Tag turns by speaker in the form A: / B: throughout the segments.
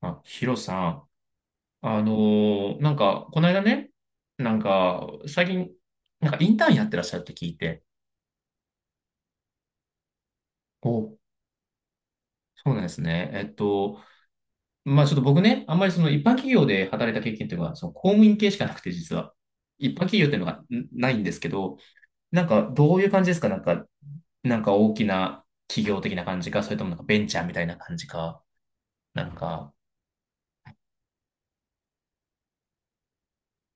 A: あ、ヒロさん。あのなんか、この間ね、なんか、最近、なんかインターンやってらっしゃるって聞いて。お、そうなんですね。まあちょっと僕ね、あんまりその一般企業で働いた経験というか、その公務員系しかなくて、実は。一般企業っていうのがんないんですけど、なんか、どういう感じですか？なんか大きな企業的な感じか、それともなんかベンチャーみたいな感じか、なんか、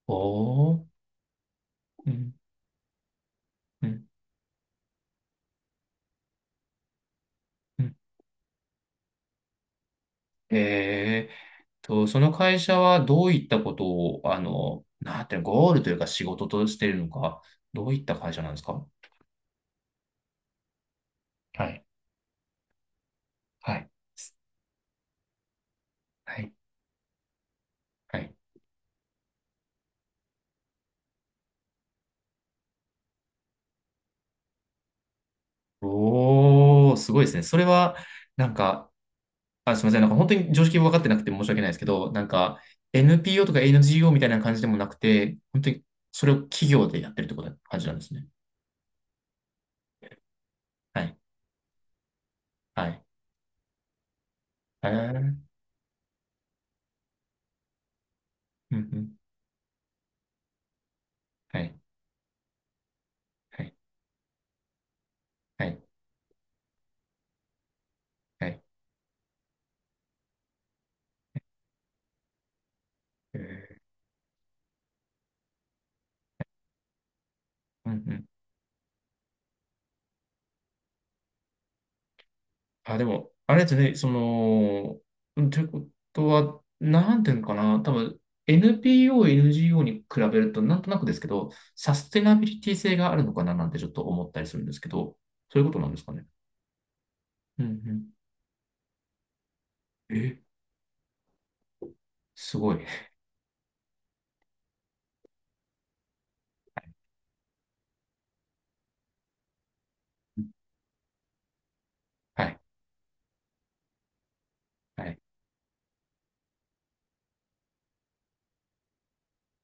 A: おー、うん、うん、うん。えーその会社はどういったことを、あの、なんていうの、ゴールというか仕事としているのか、どういった会社なんですか？はい。はい。はい。はい。おー、すごいですね。それは、なんか、あ、すみません。なんか本当に常識分かってなくて申し訳ないですけど、なんか NPO とか NGO みたいな感じでもなくて、本当にそれを企業でやってるってことな感じなんですね。はい。はい。えー、うんうん。はい。はい。はい。はい。えー、うんうん。あ、でも、あれですね、その、うんということは、なんていうのかな、多分 NPO、NGO に比べると、なんとなくですけど、サステナビリティ性があるのかななんてちょっと思ったりするんですけど、そういうことなんですかね。うんうん。え、すごい。はい、はい、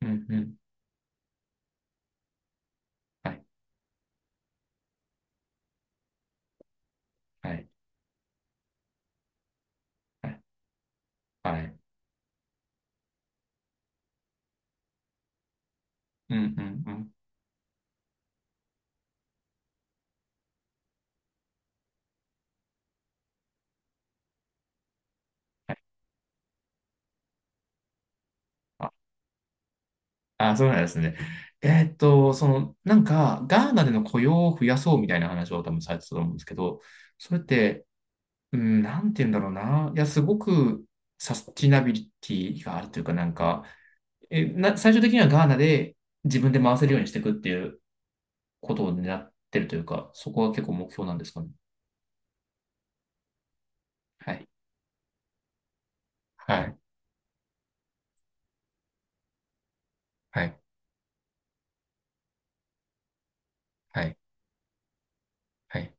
A: うんうん、はい、はい、はい、はい、うんうんうん。はい。あ、あそうなんですね。その、なんか、ガーナでの雇用を増やそうみたいな話を多分されてたと思うんですけど、それって、うん、なんて言うんだろうな。いや、すごくサスティナビリティがあるというか、なんか、最終的にはガーナで自分で回せるようにしていくっていうことを狙ってるというか、そこは結構目標なんですかね。はい。はい、はい、はい、はい、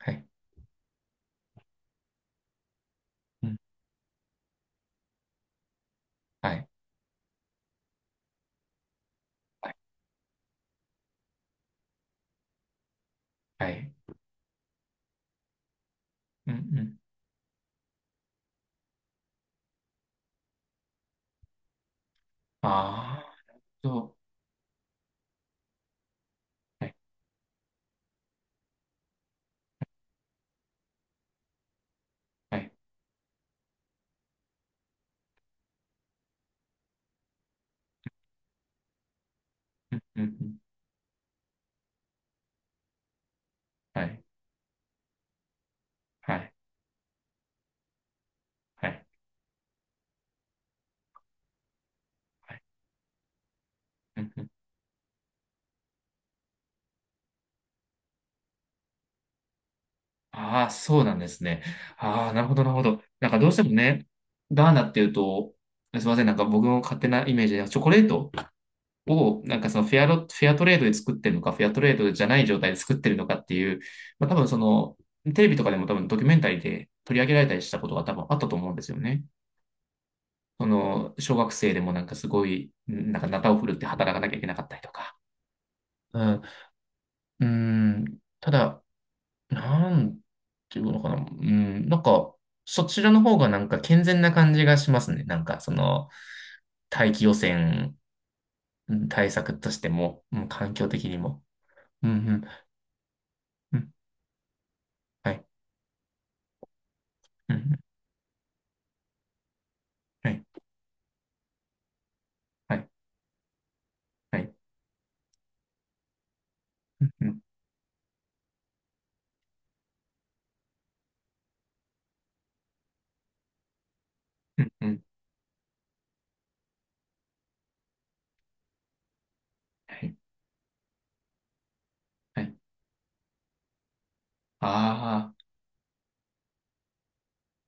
A: はい、うん。はい、はい。はい、うんうん。ああ、そう。はい。はい。うんうんうん。はい。はい。はい。はい。うんうん。ああ、そうなんですね。ああ、なるほど、なるほど。なんかどうしてもね、ガーナっていうと、すみません、なんか僕の勝手なイメージで、チョコレートを、なんかそのフェアトレードで作ってるのか、フェアトレードじゃない状態で作ってるのかっていう、まあ多分その、テレビとかでも多分ドキュメンタリーで取り上げられたりしたことが多分あったと思うんですよね。その、小学生でもなんかすごい、なんかナタを振るって働かなきゃいけなかったりとか。うん、うん、ただ、なんていうのかな。うん、なんか、そちらの方がなんか健全な感じがしますね。なんか、その、大気汚染うん対策としても、うん、環境的にも。うん、うん、うん、はい、うん、うん、はい、はい、はい、うん、うん、うん、うん、はい、はい、あ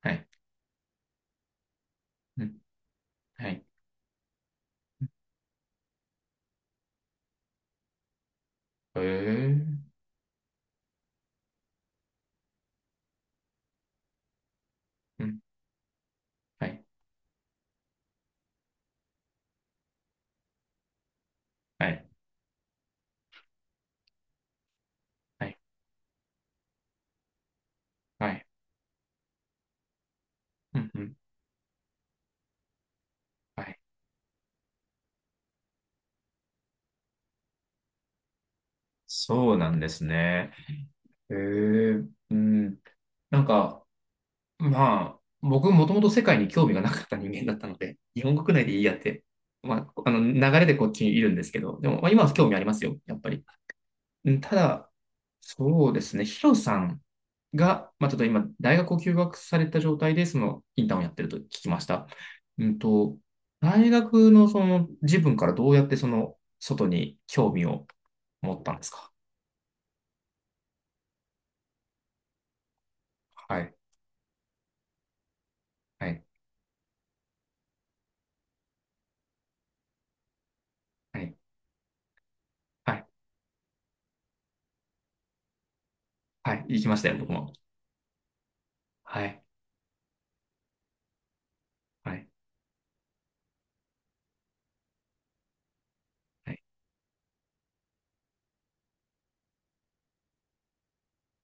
A: あ、はい、うん、はい、へえー、うん、はい、はい、はい、はい、うん、うん、はい、はい、ああ、はい、うん、はい、え、うん、はい、はい、はい、はい、うん、うん、はい。そうなんですね。へえ、うん。なんか、まあ、僕もともと世界に興味がなかった人間だったので、日本国内でいいやって、まあ、あの流れでこっちにいるんですけど、でも、まあ、今は興味ありますよ、やっぱり。うん、ただ、そうですね、ヒロさんが、まあ、ちょっと今、大学を休学された状態で、そのインターンをやってると聞きました。うんと、大学のその自分からどうやってその外に興味を持ったんですか？はい、はい、はい、はい、はい、行きましたよ、僕も。はい、はい、はい。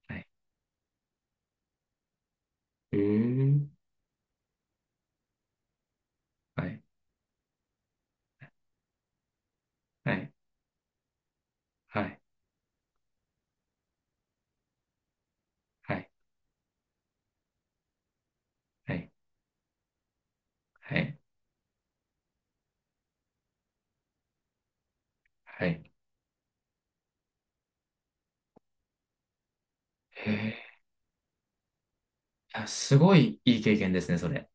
A: はい、えー、はい、はい、はい、はい、はい、はい、はい。へえ、あ、すごいいい経験ですね、それ。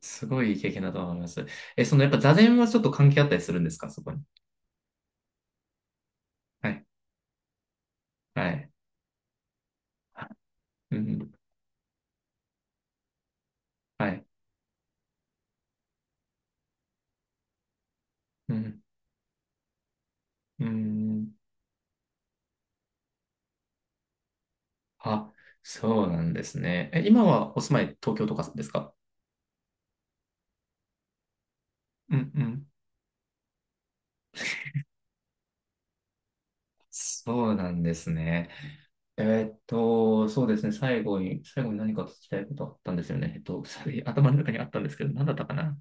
A: すごいいい経験だと思います。え、そのやっぱ座禅はちょっと関係あったりするんですか、そこに。はい、はい、はい、うん、はい、うん、うん。あ、そうなんですね。え、今はお住まい東京とかですか？うん、うん。そうなんですね。えそうですね。最後に何か聞きたいことあったんですよね。それ頭の中にあったんですけど、何だったかな。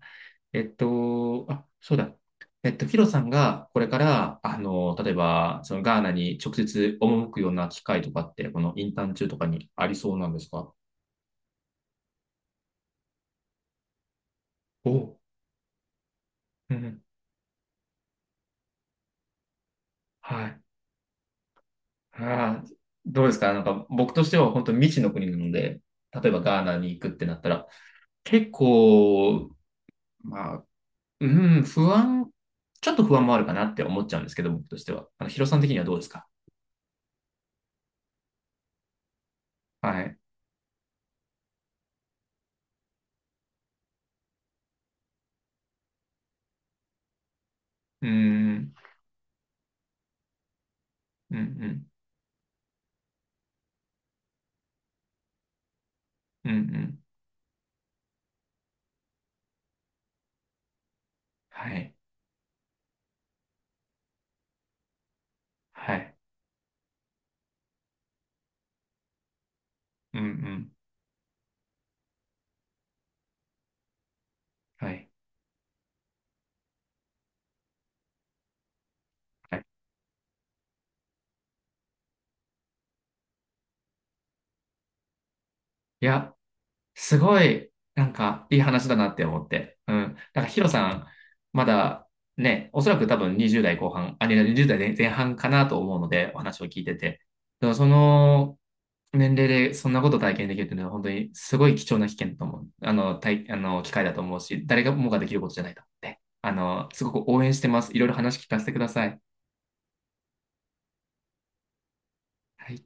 A: あ、そうだ。ヒロさんがこれから、あの、例えば、そのガーナに直接赴くような機会とかって、このインターン中とかにありそうなんですか？お、うん、はい。あー、どうですかなんか、僕としては本当に未知の国なので、例えばガーナに行くってなったら、結構、まあ、うん、ちょっと不安もあるかなって思っちゃうんですけど、僕としては。あの、ヒロさん的にはどうですか？はい。うーん、うん、うん、うん、うん。はい。はい。うん、うん。はい。はい。いや、すごい、なんか、いい話だなって思って。うん。なんか、ヒロさん、まだ、ね、おそらく多分20代後半、あ、いや20代前前半かなと思うので、お話を聞いてて。でも、その、年齢でそんなこと体験できるというのは、本当にすごい貴重な危険だと思う。あの、機会だと思うし、誰がもができることじゃないと思って。あの、すごく応援してます。いろいろ話聞かせてください。はい